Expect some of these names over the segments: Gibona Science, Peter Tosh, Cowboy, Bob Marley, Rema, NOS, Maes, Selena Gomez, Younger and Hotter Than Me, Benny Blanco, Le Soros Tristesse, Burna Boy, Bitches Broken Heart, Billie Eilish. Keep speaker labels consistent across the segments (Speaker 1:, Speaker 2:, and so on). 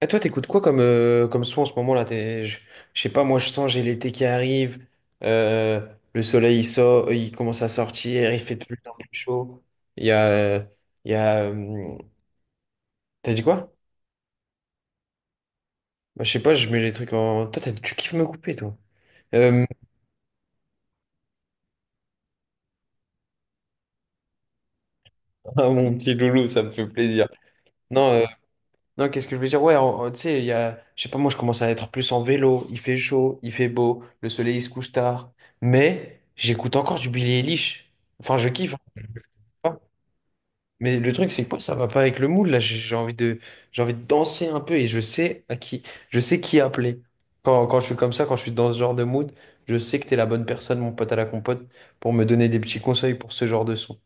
Speaker 1: Et toi, t'écoutes quoi comme, comme son en ce moment là? Je sais pas, moi je sens, j'ai l'été qui arrive, euh, le soleil il sort, il commence à sortir, il fait de plus en plus chaud. Il y a. euh, il y a T'as dit quoi? Bah, je sais pas, je mets les trucs en. Toi, tu kiffes me couper, toi. Euh, ah, mon petit loulou, ça me fait plaisir. Non, euh, non, qu'est-ce que je veux dire? Ouais, tu sais, il y a. Je sais pas, moi je commence à être plus en vélo, il fait chaud, il fait beau, le soleil il se couche tard. Mais j'écoute encore du Billie Eilish. Enfin, je kiffe. Mais le truc, c'est que moi, ça va pas avec le mood. Là, j'ai envie de, j'ai envie de danser un peu et je sais à qui, je sais qui appeler. Quand je suis comme ça, quand je suis dans ce genre de mood, je sais que t'es la bonne personne, mon pote à la compote, pour me donner des petits conseils pour ce genre de son.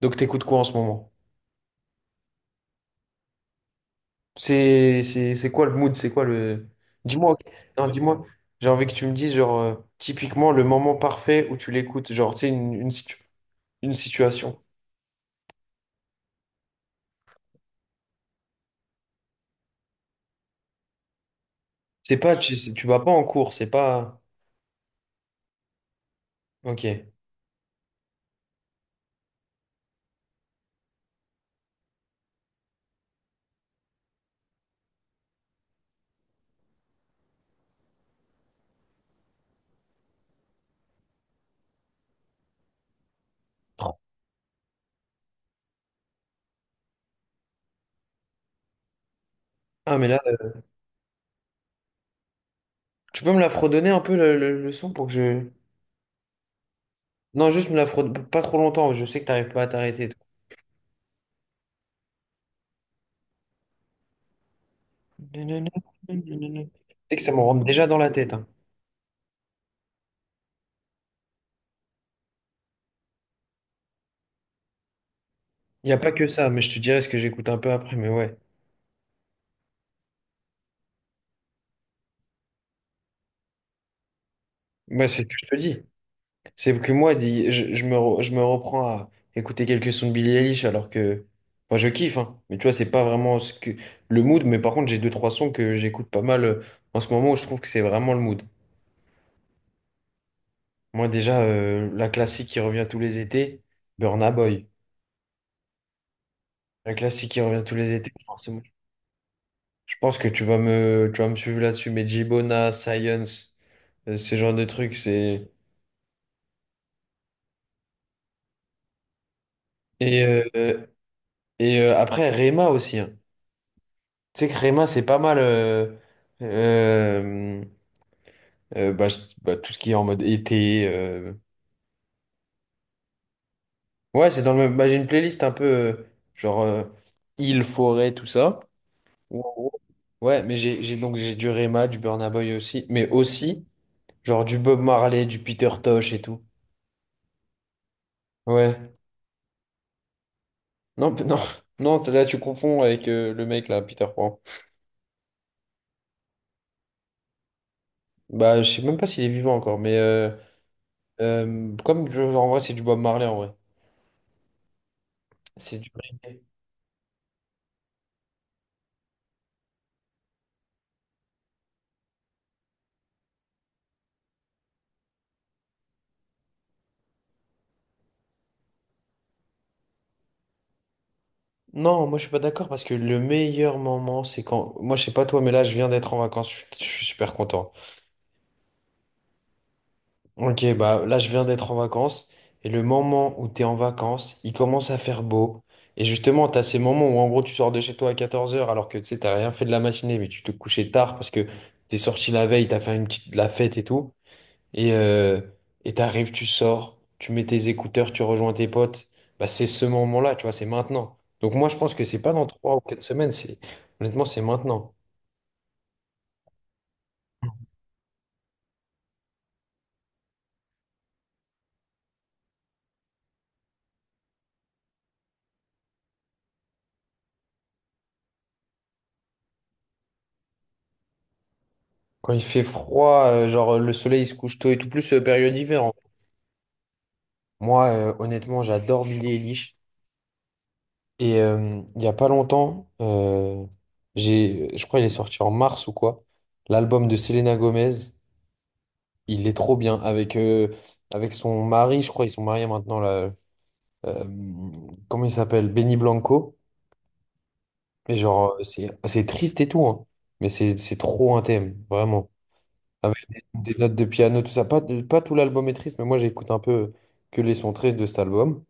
Speaker 1: Donc, t'écoutes quoi en ce moment? C'est quoi le mood? C'est quoi le... Dis-moi, ok. Non, dis-moi, j'ai envie que tu me dises, genre, typiquement, le moment parfait où tu l'écoutes. Genre, tu sais, une situation. C'est pas, tu, tu vas pas en cours, c'est pas... Ok. Ah, mais là... Tu peux me la fredonner un peu le, le son pour que je. Non, juste me la fredonne pas trop longtemps, je sais que t'arrives pas à t'arrêter, toi. Tu sais que ça me rentre déjà dans la tête. Il n'y a pas que ça, mais je te dirai ce que j'écoute un peu après. Mais ouais, moi c'est ce que je te dis. C'est que moi, je me reprends à écouter quelques sons de Billie Eilish alors que. Moi, je kiffe, hein. Mais tu vois, c'est pas vraiment ce que... le mood, mais par contre, j'ai deux, trois sons que j'écoute pas mal en ce moment où je trouve que c'est vraiment le mood. Moi, déjà, la classique qui revient tous les étés, Burna Boy. Un classique qui revient tous les étés, forcément. Je pense que tu vas me suivre là-dessus, mais Gibona Science, ce genre de trucs, c'est... Et, euh, après, Rema aussi, hein. Tu sais que Rema, c'est pas mal... euh, bah, bah, tout ce qui est en mode été... Ouais, c'est dans le même... bah, j'ai une playlist un peu genre euh, île, forêt, tout ça. Ou en gros, ouais, mais j'ai du Rema, du Burna Boy aussi, mais aussi genre du Bob Marley, du Peter Tosh et tout. Ouais. Non, non, là tu confonds avec le mec là, Peter Pan. Bah, je sais même pas s'il est vivant encore, mais en vrai, c'est du Bob Marley en vrai. C'est du reggae. Non, moi je suis pas d'accord parce que le meilleur moment, c'est quand. Moi je sais pas toi, mais là je viens d'être en vacances, je suis super content. Ok, bah là je viens d'être en vacances et le moment où t'es en vacances, il commence à faire beau. Et justement, t'as ces moments où en gros tu sors de chez toi à 14 heures alors que tu sais, t'as rien fait de la matinée, mais tu te couchais tard parce que t'es sorti la veille, t'as fait une petite de la fête et tout. Et euh, et t'arrives, tu sors, tu mets tes écouteurs, tu rejoins tes potes. Bah, c'est ce moment-là, tu vois, c'est maintenant. Donc moi, je pense que c'est pas dans trois ou quatre semaines, c'est honnêtement, c'est maintenant. Quand il fait froid, le soleil il se couche tôt et tout, plus période hiver, hein. Moi, honnêtement, j'adore Billy Eilish. Et il y a pas longtemps, j'ai, je crois il est sorti en mars ou quoi, l'album de Selena Gomez. Il est trop bien avec avec son mari, je crois, ils sont mariés maintenant là. euh, Comment il s'appelle? Benny Blanco. Et genre, c'est triste et tout, hein. Mais c'est trop un thème, vraiment. Avec des notes de piano, tout ça. Pas, pas tout l'album est triste, mais moi j'écoute un peu que les sons tristes de cet album.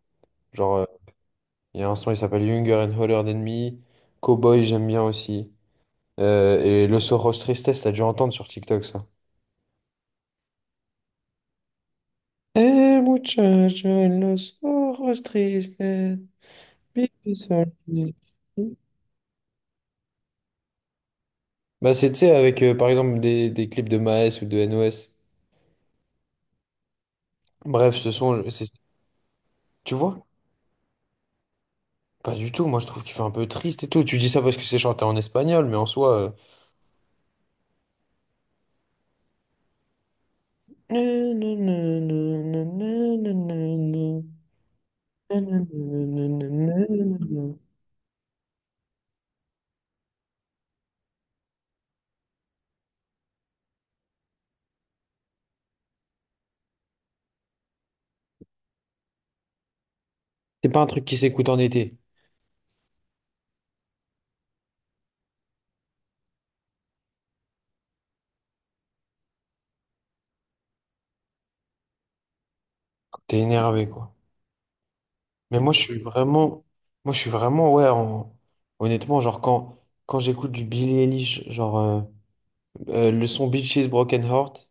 Speaker 1: Genre, il y a un son, il s'appelle Younger and Hotter Than Me. Cowboy, j'aime bien aussi. Le Soros Tristesse, t'as dû entendre sur TikTok ça. Eh, muchacho, el Los Ojos vive solo. Bah, c'est, tu sais, avec, par exemple, des clips de Maes ou de NOS. Bref, ce son, c'est, tu vois? Pas du tout. Moi, je trouve qu'il fait un peu triste et tout. Tu dis ça parce que c'est chanté en espagnol, mais en soi... euh, c'est pas un truc qui s'écoute en été. T'es énervé, quoi. Mais moi, je suis vraiment, moi, je suis vraiment, ouais, honnêtement, genre, quand j'écoute du Billie Eilish, genre, le son Bitches Broken Heart,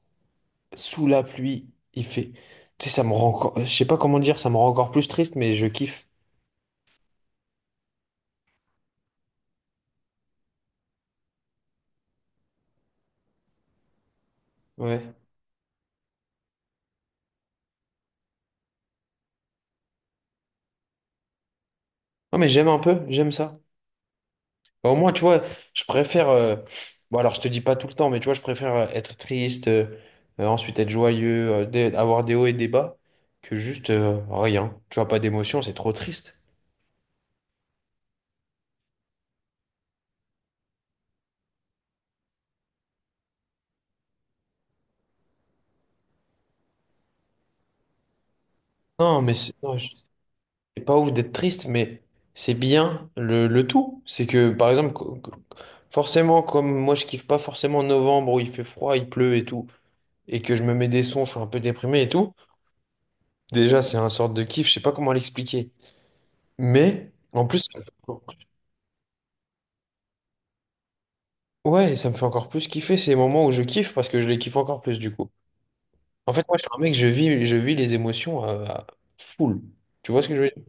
Speaker 1: sous la pluie, il fait, tu sais, ça me rend encore, je sais pas comment dire, ça me rend encore plus triste, mais je kiffe. Ouais. Non, mais j'aime un peu, j'aime ça. Bah, au moins, tu vois, je préfère, bon, alors, je te dis pas tout le temps, mais tu vois, je préfère être triste, ensuite être joyeux, avoir des hauts et des bas, que juste, rien. Tu vois, pas d'émotion, c'est trop triste. Non, mais c'est... non, c'est pas ouf d'être triste, mais c'est bien le tout. C'est que, par exemple, forcément, comme moi, je kiffe pas forcément novembre où il fait froid, il pleut et tout, et que je me mets des sons, je suis un peu déprimé et tout. Déjà, c'est un sorte de kiff, je sais pas comment l'expliquer. Mais, en plus, ça me fait encore plus- ouais, ça me fait encore plus kiffer ces moments où je kiffe parce que je les kiffe encore plus du coup. En fait, moi, je suis un mec, je vis les émotions à full. Tu vois ce que je veux dire?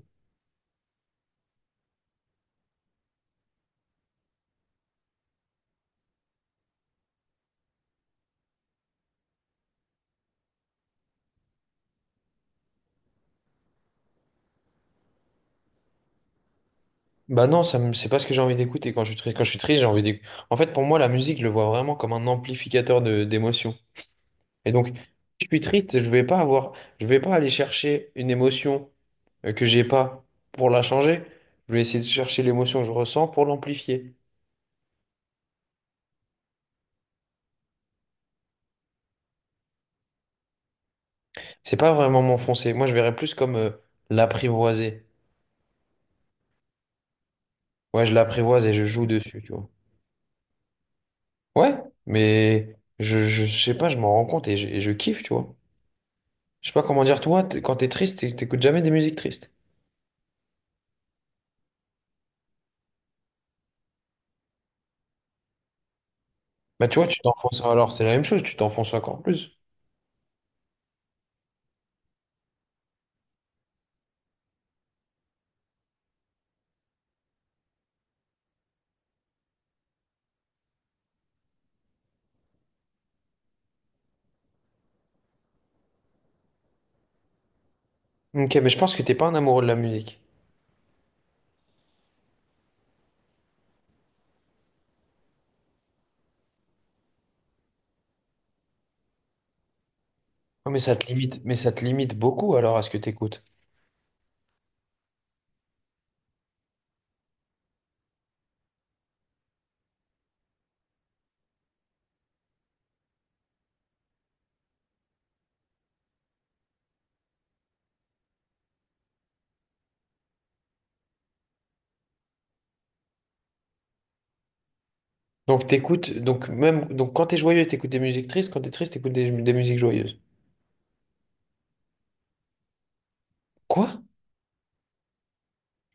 Speaker 1: Bah non, c'est pas ce que j'ai envie d'écouter quand je suis triste. Quand je suis triste, j'ai envie d'écouter. En fait, pour moi, la musique, je le vois vraiment comme un amplificateur de d'émotions. Et donc, si je suis triste, je vais pas avoir, je vais pas aller chercher une émotion que j'ai pas pour la changer. Je vais essayer de chercher l'émotion que je ressens pour l'amplifier. C'est pas vraiment m'enfoncer. Moi, je verrais plus comme l'apprivoiser. Ouais, je l'apprivoise et je joue dessus, tu vois. Ouais, mais je sais pas, je m'en rends compte et et je kiffe, tu vois. Je sais pas comment dire, toi, quand t'es triste, t'écoutes jamais des musiques tristes. Bah tu vois, tu t'enfonces alors, c'est la même chose, tu t'enfonces encore plus. Ok, mais je pense que t'es pas un amoureux de la musique. Non, mais ça te limite, mais ça te limite beaucoup alors à ce que t'écoutes. Donc t'écoutes, donc même, donc quand t'es joyeux, t'écoutes des musiques tristes, quand t'es triste, t'écoutes des musiques joyeuses. Quoi?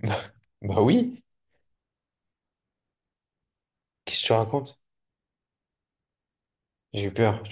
Speaker 1: Bah oui, qu'est-ce que tu racontes? J'ai eu peur.